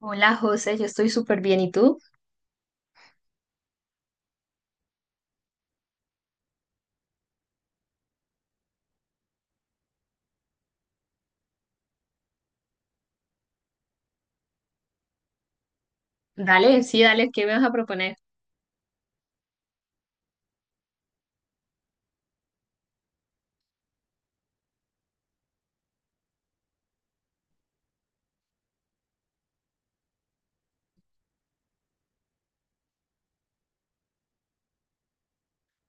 Hola José, yo estoy súper bien. ¿Y tú? Dale, sí, dale, ¿qué me vas a proponer?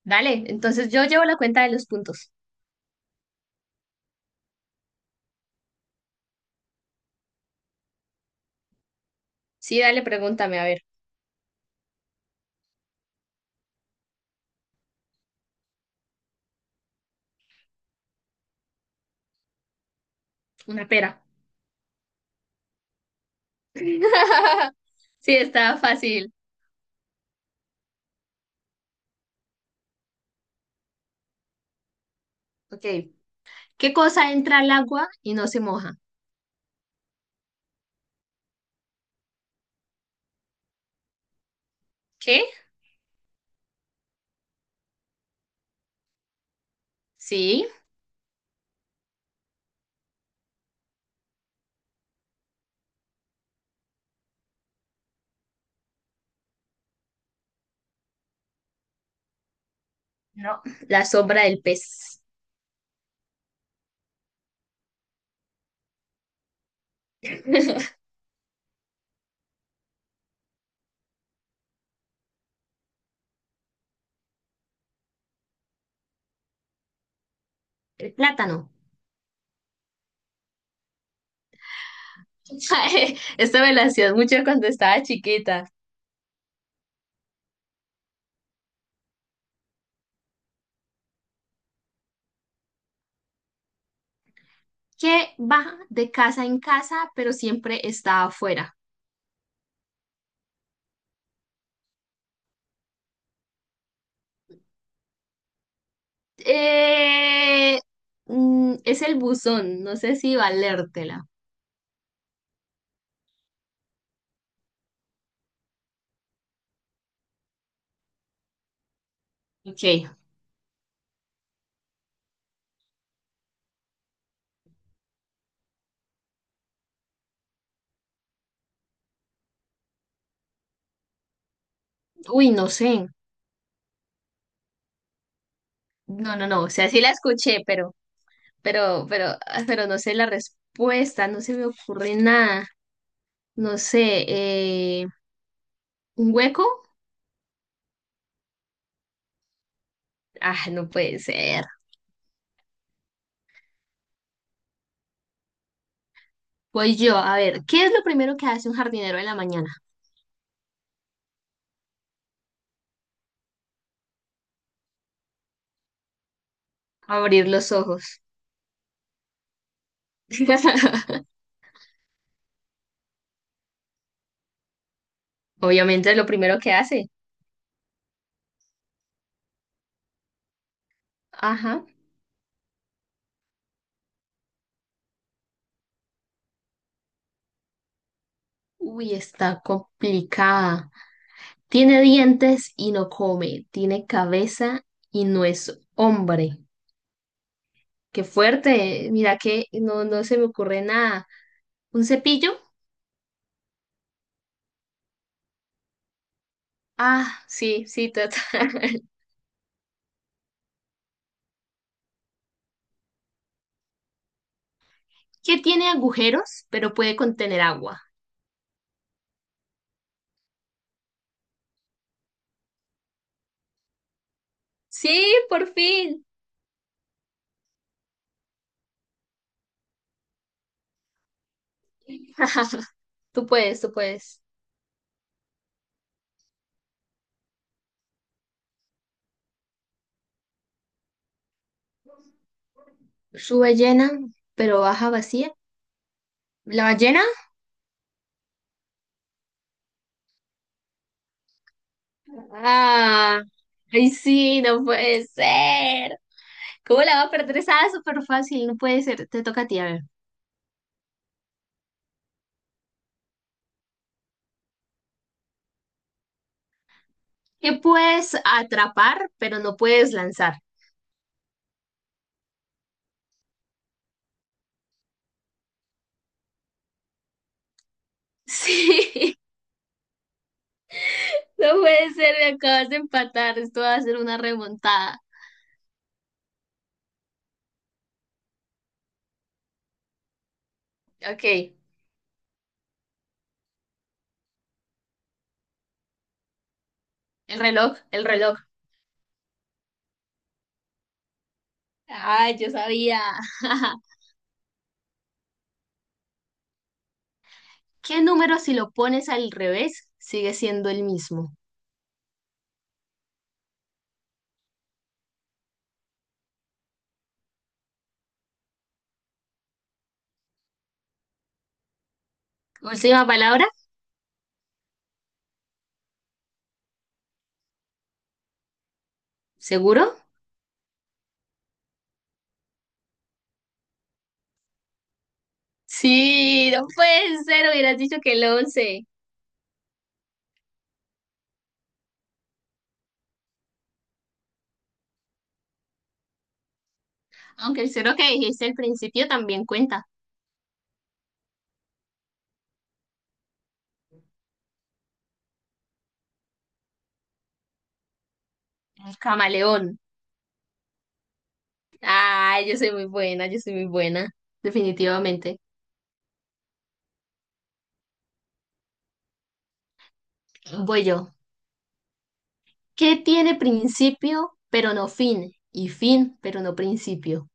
Dale, entonces yo llevo la cuenta de los puntos. Sí, dale, pregúntame, a ver, una pera. Sí, está fácil. Ok. ¿Qué cosa entra al agua y no se moja? ¿Qué? Sí, no, la sombra del pez. El plátano. Esta me la hacías mucho cuando estaba chiquita. ¿Qué va de casa en casa, pero siempre está afuera? Eh, es el buzón, no sé si valértela. Ok. Uy, no sé. No, no, no. O sea, sí la escuché, pero no sé la respuesta, no se me ocurre nada. No sé, ¿un hueco? Ah, no puede ser. Voy yo, a ver, ¿qué es lo primero que hace un jardinero en la mañana? Abrir los ojos. Obviamente es lo primero que hace. Ajá. Uy, está complicada. Tiene dientes y no come, tiene cabeza y no es hombre. Qué fuerte, mira que no, no se me ocurre nada. ¿Un cepillo? Ah, sí, sí, total. Que tiene agujeros, pero puede contener agua. Sí, por fin. Tú puedes, tú puedes. Sube llena, pero baja vacía. ¿La ballena? Ah, ay, sí, no puede ser. ¿Cómo la va a perder? Esa súper fácil, no puede ser. Te toca a ti, a ver. ¿Qué puedes atrapar, pero no puedes lanzar? Sí, no puede ser, me acabas de empatar, esto va a ser una remontada. Ok, el reloj, el reloj. Ay, yo sabía. ¿Qué número si lo pones al revés sigue siendo el mismo? Última palabra, ¿seguro? Sí, no puede ser, hubieras dicho que el once. Aunque el cero que dijiste al principio también cuenta. El camaleón. Ay, yo soy muy buena, yo soy muy buena. Definitivamente. Voy yo. ¿Qué tiene principio pero no fin? Y fin pero no principio.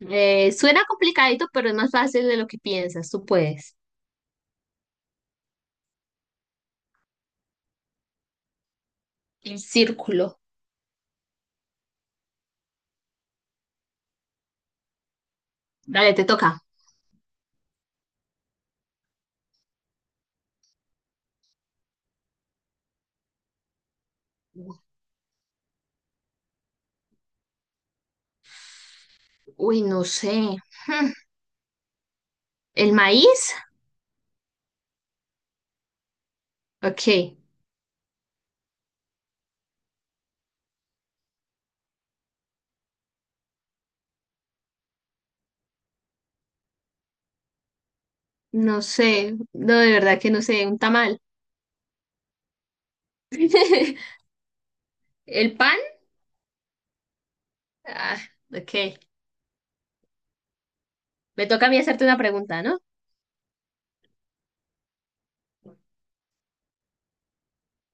Suena complicadito, pero es más fácil de lo que piensas. Tú puedes. El círculo. Dale, te toca. Uy, no sé. Hmm, ¿el maíz? Ok. No sé. No, de verdad que no sé. Un tamal. ¿El pan? Ah, ok. Me toca a mí hacerte una pregunta, ¿no?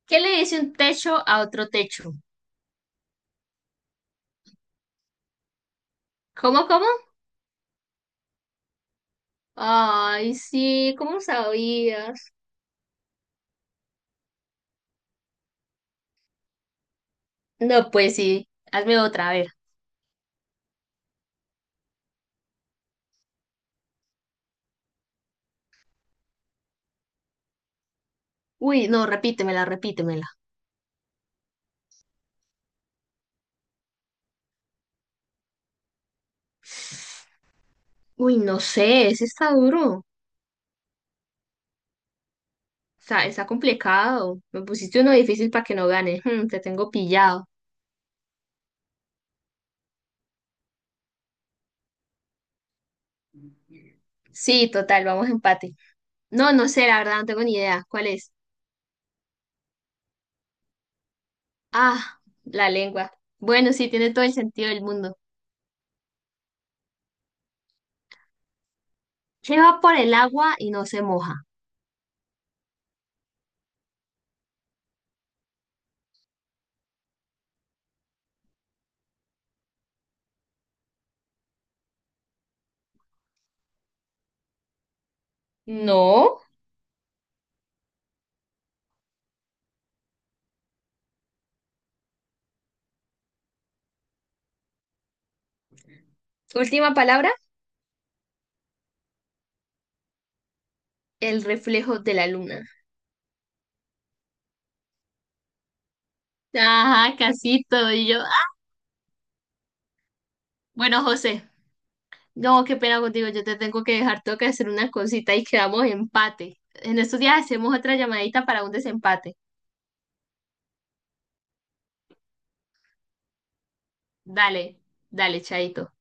¿Qué le dice un techo a otro techo? ¿Cómo, cómo? Ay, sí, ¿cómo sabías? No, pues sí, hazme otra, a ver. Uy, no, repítemela, repítemela. Uy, no sé, ese está duro. Está complicado. Me pusiste uno difícil para que no gane. Mm, te tengo pillado. Sí, total, vamos a empate. No, no sé, la verdad, no tengo ni idea. ¿Cuál es? Ah, la lengua. Bueno, sí, tiene todo el sentido del mundo. ¿Qué va por el agua y no se moja? No. Última palabra, el reflejo de la luna. Ajá, casito. Y yo. Ah. Bueno, José. No, qué pena contigo, yo te tengo que dejar, tengo que hacer una cosita y quedamos empate. En estos días hacemos otra llamadita para un desempate. Dale, dale, chaito.